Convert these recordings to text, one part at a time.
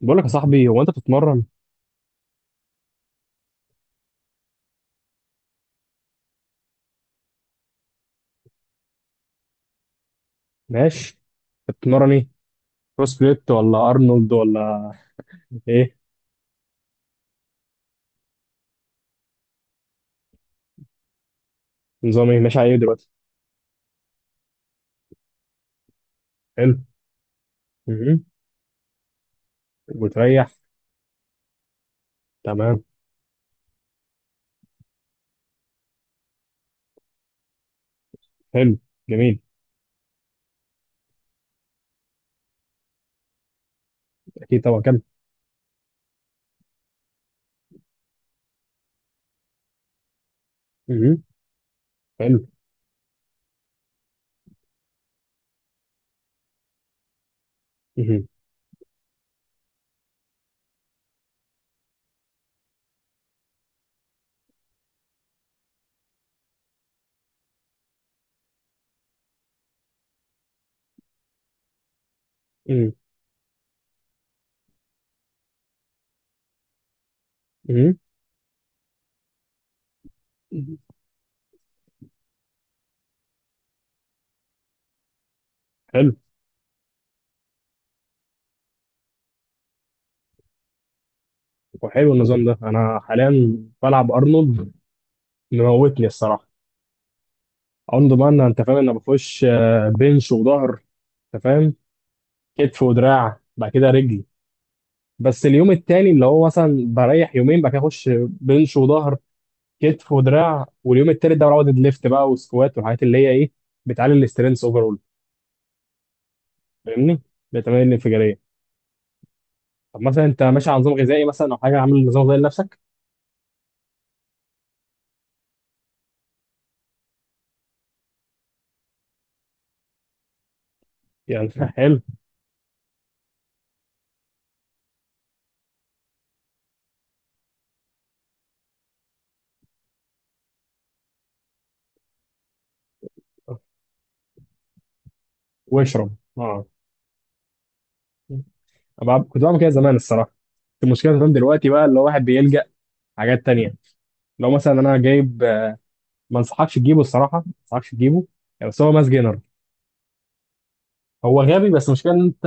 بقول لك يا صاحبي، هو انت بتتمرن؟ ماشي. انت بتتمرن ايه؟ بروس بليت، ولا ارنولد، ولا ايه؟ نظام ايه ماشي على ايه دلوقتي؟ حلو. امم وتريح؟ تمام. حلو، جميل. اكيد طبعا، كمل. امم حلو. امم امم حلو. وحلو النظام ده، انا حاليا بلعب ارنولد، مموتني الصراحه. ارنولد بقى، انت فاهم، انا بخش بنش وظهر. انت فاهم، كتف ودراع بعد كده رجلي. بس اليوم التاني اللي هو مثلا بريح يومين، بعد كده اخش بنش وظهر، كتف ودراع. واليوم التالت ده بعوض الليفت بقى، والسكوات والحاجات اللي هي ايه، بتعلي الاسترينث اول. فاهمني، بتمارين الانفجاريه. طب مثلا انت ماشي على نظام غذائي مثلا، او حاجه؟ عامل نظام غذائي لنفسك؟ يعني حلو. واشرب، اه. كنت بعمل كده زمان الصراحه. المشكله زمان دلوقتي بقى، اللي هو واحد بيلجأ حاجات تانية. لو مثلا انا جايب، ما انصحكش تجيبه الصراحه، ما انصحكش تجيبه. يعني، بس هو ماس جينر. هو غبي، بس المشكله ان انت،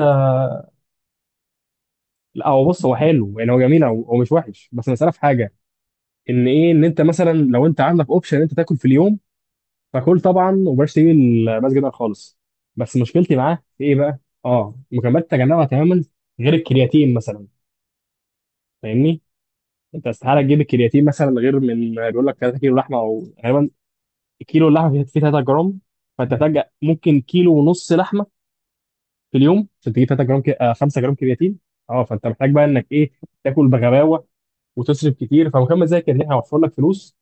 لا هو بص، هو حلو يعني، هو جميل، هو مش وحش، بس المساله في حاجه. ان ايه، ان انت مثلا لو انت عندك اوبشن انت تاكل في اليوم، فكل طبعا، وبلاش تيجي المسجد ده خالص. بس مشكلتي معاه في ايه بقى؟ اه، مكملات تجنبها تماما، غير الكرياتين مثلا. فاهمني، انت استحاله تجيب الكرياتين مثلا، غير من بيقول لك 3 كيلو لحمه، او غالبا كيلو اللحمه فيه 3 جرام. فانت تحتاج ممكن كيلو ونص لحمه في اليوم، عشان تجيب 3 جرام كي... آه 5 جرام كرياتين. اه، فانت محتاج بقى انك ايه، تاكل بغباوه وتصرف كتير. فمكمل زي الكرياتين هيوفر لك فلوس،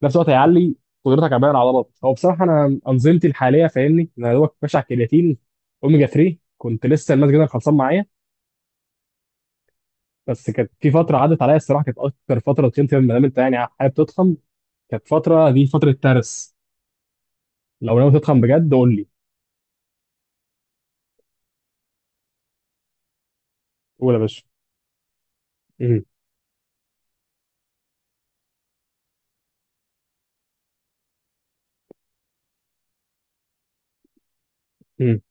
في نفس الوقت هيعلي قدرتك على بناء العضلات. هو بصراحه انا انظمتي الحاليه، فاهمني انا يا دوبك ماشي على الكرياتين، اوميجا 3. كنت لسه الماس جدا خلصان معايا، بس كانت في فتره عدت عليا الصراحه، كانت اكتر فتره تخنت فيها. ما دام انت يعني حابب تضخم، كانت فتره دي فتره ترس. لو ناوي تضخم بجد قول لي. قول يا باشا. امم امم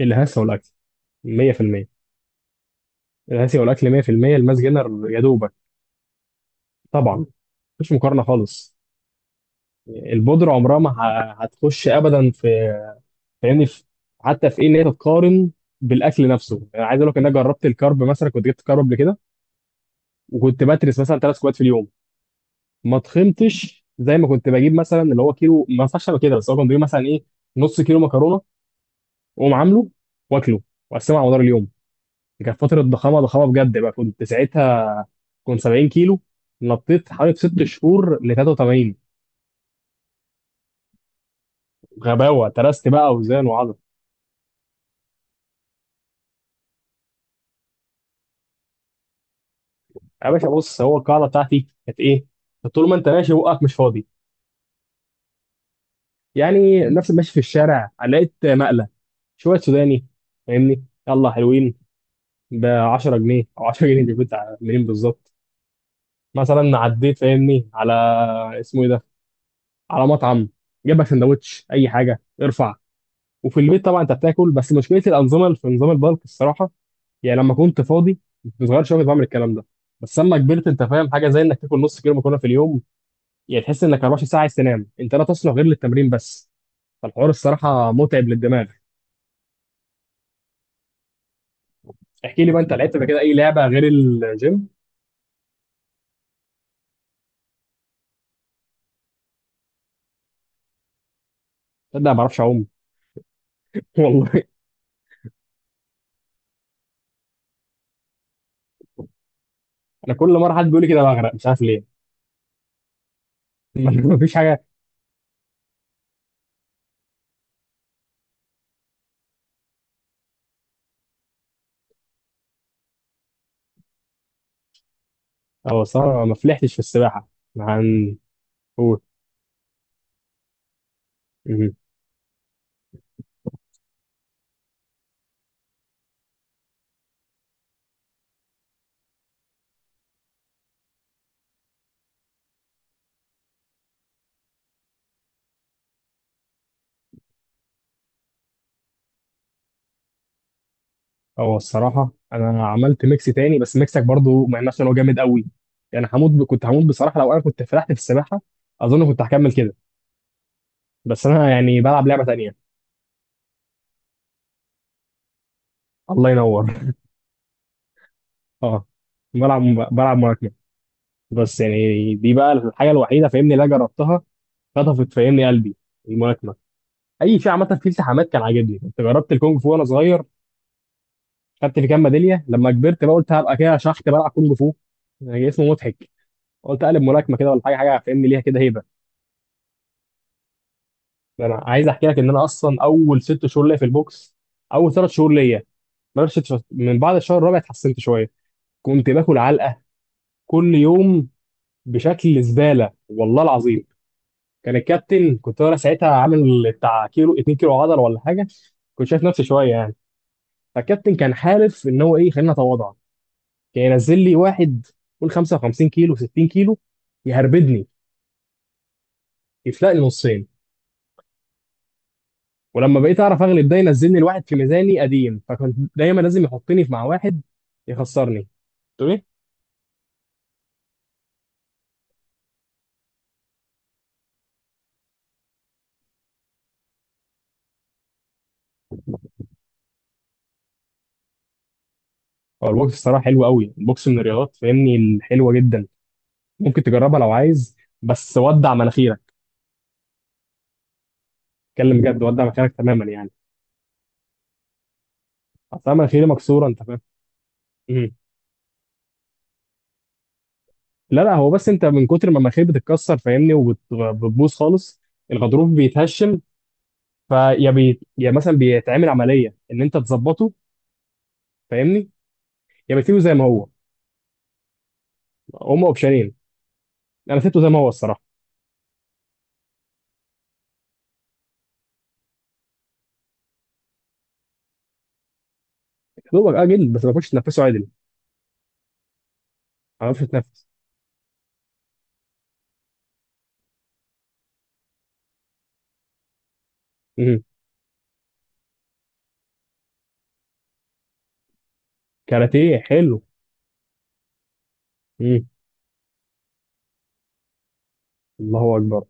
الهسه والاكل 100%. الهسه والاكل 100%. الماس جينر يا دوبك، طبعا مفيش مقارنه خالص. البودره عمرها ما هتخش ابدا في، فاهمني حتى في ايه، ان هي تتقارن بالاكل نفسه. يعني عايز اقول لك ان انا جربت الكارب مثلا، كنت جبت كارب قبل كده. وكنت بترس مثلا ثلاث سكوات في اليوم، ما تخنتش زي ما كنت بجيب مثلا، اللي هو كيلو ما ينفعش ابقى كده. بس هو كنت بجيب مثلا ايه، نص كيلو مكرونه، واقوم عامله، واكله، واقسمه على مدار اليوم. دي كانت فتره ضخامه، ضخامه بجد بقى، كنت ساعتها. كنت 70 كيلو، نطيت حوالي في ست شهور ل 83. غباوه، ترست بقى اوزان وعضل. يا باشا بص، هو القاعده بتاعتي كانت ايه؟ طول ما انت ماشي بقك مش فاضي. يعني نفس ماشي في الشارع لقيت مقلة شوية سوداني، فاهمني يلا حلوين ب 10 جنيه، او 10 جنيه. دي كنت منين بالظبط؟ مثلا عديت فاهمني على، اسمه ايه ده، على مطعم، جاب لك سندوتش اي حاجة ارفع. وفي البيت طبعا انت بتاكل. بس مشكلة الأنظمة في نظام البلك الصراحة، يعني لما كنت فاضي كنت صغير شوية كنت بعمل الكلام ده. بس لما كبرت، انت فاهم حاجة زي انك تاكل نص كيلو مكرونة في اليوم، يعني تحس انك 24 ساعة عايز تنام، انت لا تصلح غير للتمرين بس. فالحوار الصراحة متعب للدماغ. احكي لي بقى، انت لعبت قبل كده اي لعبه غير الجيم؟ تصدق ما بعرفش اعوم؟ والله، انا كل مره حد بيقول لي كده بغرق، مش عارف ليه. مفيش حاجه. هو الصراحه ما فلحتش في السباحه، هنقول. هو الصراحه انا عملت ميكس تاني، بس ميكسك برضو ما ينفعش، إن هو جامد قوي. يعني هموت كنت هموت بصراحه، لو انا كنت فلحت في السباحه اظن كنت هكمل كده. بس انا يعني بلعب لعبه تانيه. الله ينور. اه، بلعب بلعب ملاكمه. بس يعني دي بقى الحاجه الوحيده فاهمني، اللي انا جربتها، خطفت فاهمني قلبي الملاكمه. اي في عامه في التحامات كان عاجبني، كنت جربت الكونج فو وانا صغير، خدت في كام ميداليه. لما كبرت بقى قلت هبقى كده شحت بلعب كونج فو، يعني اسمه مضحك، قلت اقلب ملاكمه كده ولا حاجه. حاجه فاهمني ليها كده هيبه. ده انا عايز احكي لك ان انا اصلا اول ست شهور ليا في البوكس، اول ثلاث شهور ليا، بلاش ست شهور، من بعد الشهر الرابع اتحسنت شويه. كنت باكل علقه كل يوم، بشكل زباله والله العظيم. كان الكابتن، كنت انا ساعتها عامل بتاع كيلو، 2 كيلو عضله ولا حاجه، كنت شايف نفسي شويه يعني. فالكابتن كان حالف ان هو ايه، خلينا اتواضع، كان ينزل لي واحد قول 55 كيلو، 60 كيلو، يهربدني، يفلقني نصين. ولما بقيت اعرف اغلب، ده ينزلني الواحد في ميزاني قديم، فكنت دايما لازم يحطني في مع واحد يخسرني. تقول ايه؟ هو البوكس الصراحه حلو قوي، البوكس من الرياضات فاهمني الحلوه جدا، ممكن تجربها لو عايز، بس ودع مناخيرك. اتكلم بجد، ودع مناخيرك تماما يعني. اصل أنا مناخيري مكسوره، انت فاهم. مم. لا لا، هو بس انت من كتر ما المناخير بتتكسر فاهمني وبتبوظ خالص، الغضروف بيتهشم. فيا يا مثلا بيتعمل عمليه ان انت تظبطه، فاهمني، يا بتسيبه زي ما هو. هما اوبشنين. انا سبته زي ما هو الصراحه. يا دوبك اجل، بس ما كنتش تنفسه عدل، ما اعرفش اتنفس. مم. كاراتيه حلو. مم. الله اكبر.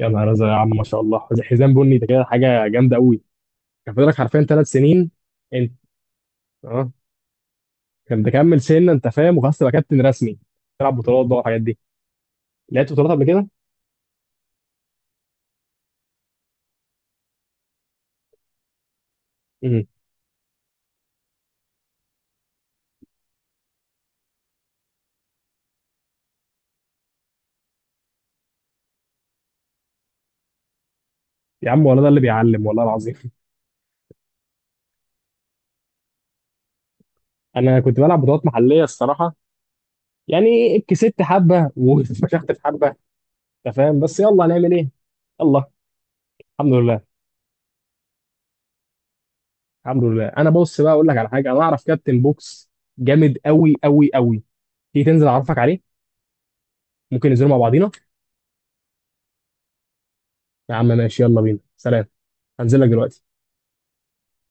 يا نهار ازرق يا عم، ما شاء الله، زي حزام بني ده كده حاجه جامده قوي. كان فاضلك حرفيا ثلاث سنين، انت، اه. كان تكمل سنه انت فاهم، وخلاص تبقى كابتن رسمي، تلعب بطولات بقى والحاجات دي. لعبت بطولات قبل كده؟ مم. يا عم، ولا ده اللي بيعلم والله العظيم. انا كنت بلعب بطولات محليه الصراحه، يعني كسبت حبه وفشخت في حبه، انت فاهم، بس يلا هنعمل ايه. يلا. الحمد لله. الحمد لله، انا بص بقى اقول لك على حاجه، انا اعرف كابتن بوكس جامد قوي قوي قوي. تيجي تنزل اعرفك عليه، ممكن ننزل مع بعضينا. يا عم ماشي، يلا بينا، سلام. هنزل لك دلوقتي.